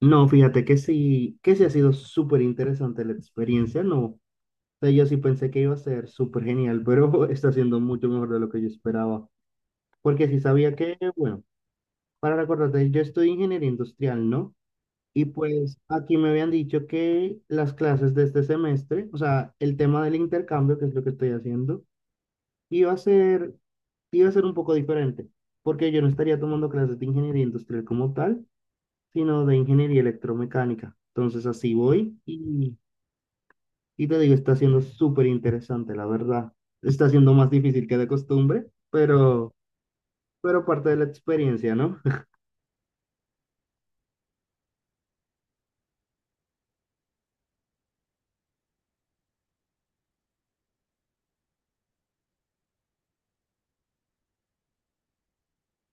No, fíjate que sí ha sido súper interesante la experiencia, no. O sea, yo sí pensé que iba a ser súper genial, pero está siendo mucho mejor de lo que yo esperaba. Porque sí sabía que, bueno, para recordarte, yo estudio ingeniería industrial, ¿no? Y pues aquí me habían dicho que las clases de este semestre, o sea, el tema del intercambio, que es lo que estoy haciendo, iba a ser, iba a ser un poco diferente, porque yo no estaría tomando clases de ingeniería industrial como tal, sino de ingeniería electromecánica. Entonces así voy y te digo, está siendo súper interesante, la verdad. Está siendo más difícil que de costumbre, pero parte de la experiencia, ¿no?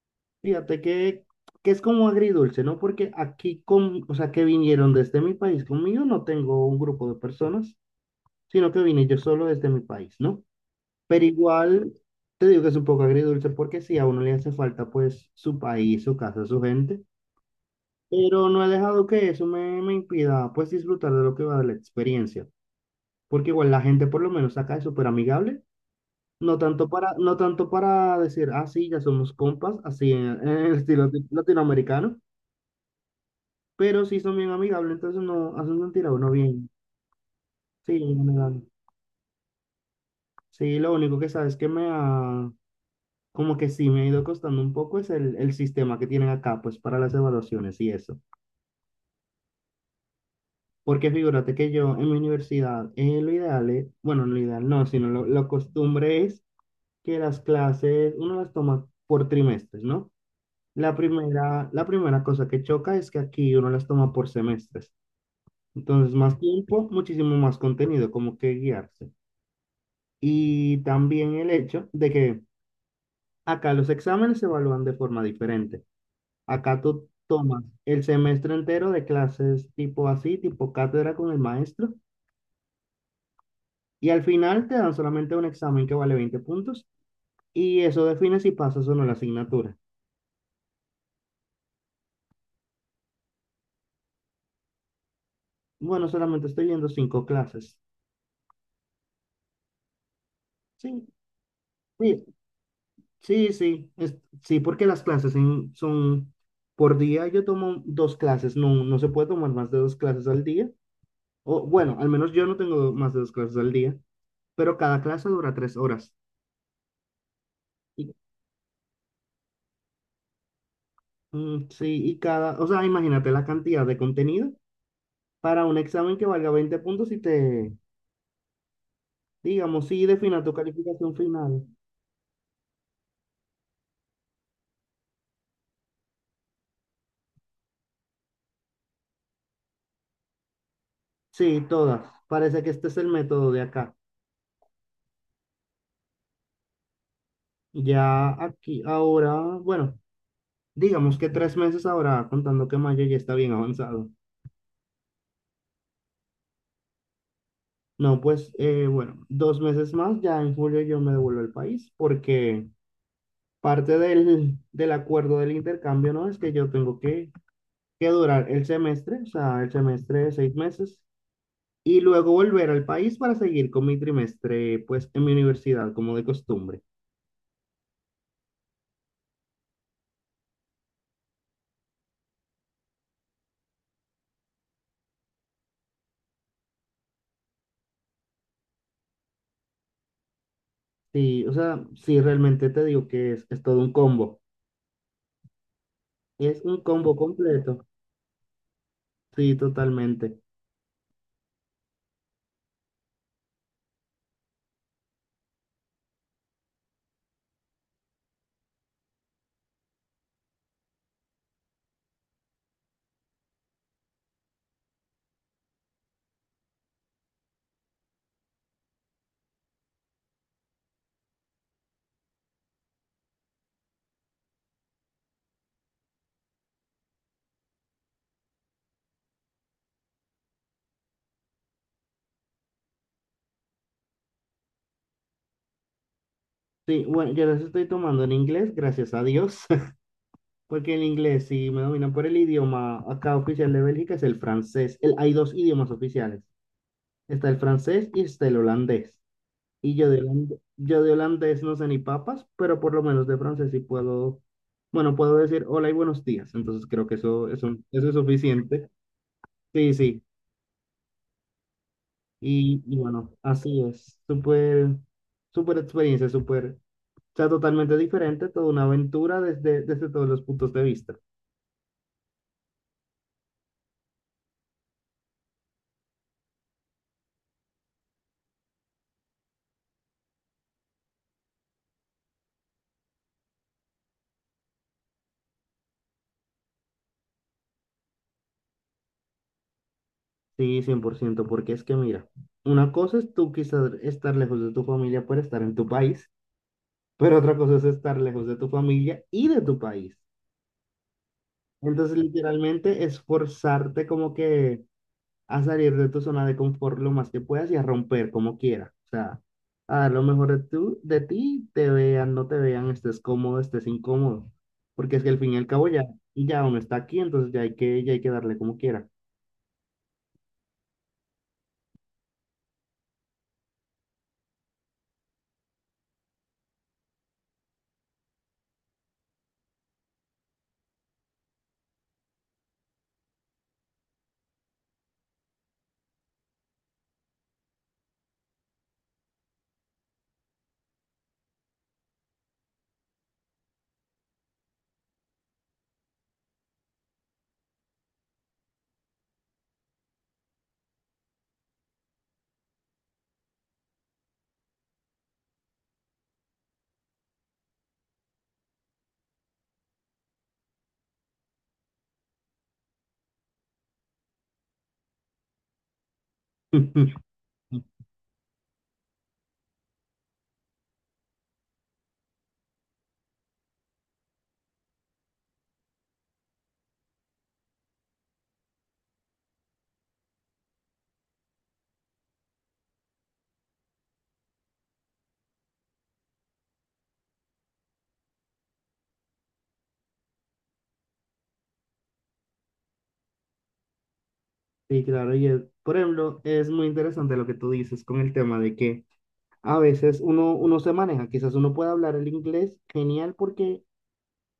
Fíjate que es como agridulce, ¿no? Porque aquí, con, o sea, que vinieron desde mi país conmigo, no tengo un grupo de personas, sino que vine yo solo desde mi país, ¿no? Pero igual, te digo que es un poco agridulce porque si a uno le hace falta, pues, su país, su casa, su gente. Pero no he dejado que eso me impida pues disfrutar de lo que va de la experiencia. Porque igual la gente por lo menos acá es súper amigable. No tanto para decir, ah, sí, ya somos compas, así en el estilo latinoamericano, pero sí son bien amigables, entonces no hacen sentir a uno bien. Sí, en general. Sí, lo único que sabes que me ha, como que sí me ha ido costando un poco es el sistema que tienen acá, pues para las evaluaciones y eso. Porque figúrate que yo en mi universidad, lo ideal es, bueno, no lo ideal no, sino lo costumbre es que las clases uno las toma por trimestres, ¿no? La primera cosa que choca es que aquí uno las toma por semestres. Entonces, más tiempo, muchísimo más contenido, como que guiarse. Y también el hecho de que acá los exámenes se evalúan de forma diferente. Acá tú tomas el semestre entero de clases tipo así, tipo cátedra con el maestro. Y al final te dan solamente un examen que vale 20 puntos y eso define si pasas o no la asignatura. Bueno, solamente estoy viendo cinco clases. Sí, sí, sí, sí, es- sí, porque son por día. Yo tomo dos clases, no, no se puede tomar más de dos clases al día. O bueno, al menos yo no tengo más de dos clases al día, pero cada clase dura 3 horas. Y, sí, y cada, o sea, imagínate la cantidad de contenido para un examen que valga 20 puntos y te, digamos, sí, defina tu calificación final. Sí, todas. Parece que este es el método de acá. Ya aquí, ahora, bueno, digamos que 3 meses ahora, contando que mayo ya está bien avanzado. No, pues, bueno, 2 meses más, ya en julio yo me devuelvo al país, porque parte del acuerdo del intercambio, ¿no? Es que yo tengo que durar el semestre, o sea, el semestre de 6 meses, y luego volver al país para seguir con mi trimestre, pues, en mi universidad, como de costumbre. Sí, o sea, sí, realmente te digo que es todo un combo. Es un combo completo. Sí, totalmente. Sí, bueno, yo las estoy tomando en inglés, gracias a Dios, porque el inglés sí me domina por el idioma acá oficial de Bélgica, es el francés. El- hay dos idiomas oficiales. Está el francés y está el holandés. Y yo de holandés no sé ni papas, pero por lo menos de francés sí puedo, bueno, puedo decir hola y buenos días. Entonces creo que eso es suficiente. Sí, sí. Y bueno, así es, súper, súper experiencia, súper, o sea, totalmente diferente, toda una aventura desde todos los puntos de vista. Sí, 100% porque es que mira, una cosa es tú quizás estar lejos de tu familia por estar en tu país, pero otra cosa es estar lejos de tu familia y de tu país. Entonces, literalmente, esforzarte como que a salir de tu zona de confort lo más que puedas y a romper como quieras. O sea, a dar lo mejor de, tú, de ti, te vean, no te vean, estés cómodo, estés incómodo. Porque es que al fin y al cabo ya uno está aquí, entonces ya ya hay que darle como quiera. Sí, claro, y es- por ejemplo, es muy interesante lo que tú dices con el tema de que a veces uno se maneja, quizás uno pueda hablar el inglés genial porque,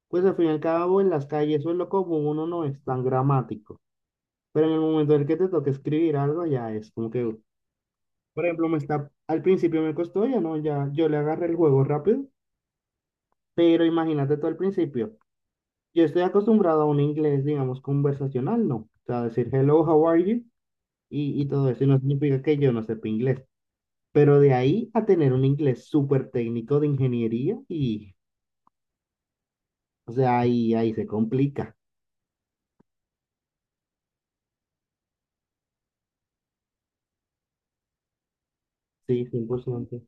pues al fin y al cabo, en las calles o en lo común uno no es tan gramático. Pero en el momento en el que te toque escribir algo, ya es como que, por ejemplo, me está, al principio me costó, ya no, ya yo le agarré el juego rápido, pero imagínate tú al principio, yo estoy acostumbrado a un inglés, digamos, conversacional, ¿no? O sea, decir hello, how are you? Y todo eso, y no significa que yo no sepa inglés, pero de ahí a tener un inglés súper técnico de ingeniería y, o sea, ahí se complica, sí, 100%,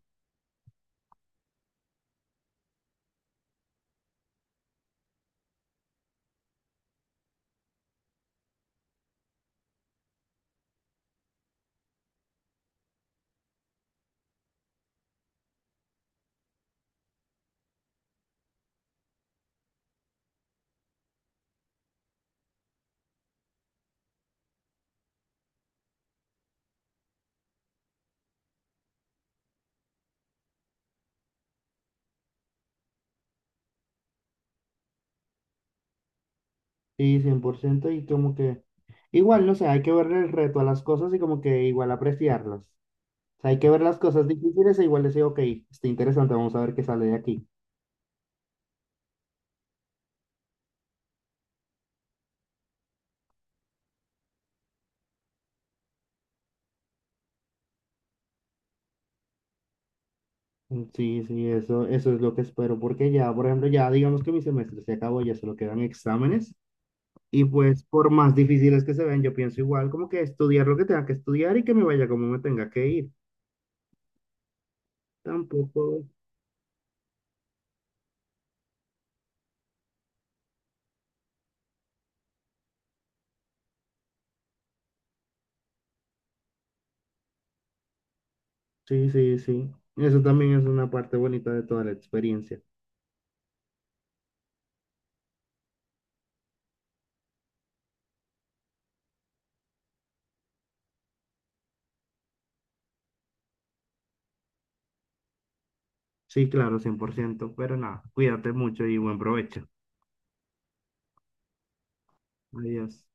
sí, 100% y como que... Igual, no sé, hay que ver el reto a las cosas y como que igual apreciarlas. Sea, hay que ver las cosas difíciles e igual decir, ok, está interesante, vamos a ver qué sale de aquí. Sí, sí, eso es lo que espero, porque ya, por ejemplo, ya digamos que mi semestre se acabó, ya solo quedan exámenes, y pues por más difíciles que se ven, yo pienso igual, como que estudiar lo que tenga que estudiar y que me vaya como me tenga que ir. Tampoco, sí, sí, sí. Eso también es una parte bonita de toda la experiencia. Sí, claro, 100%, pero nada, cuídate mucho y buen provecho. Adiós.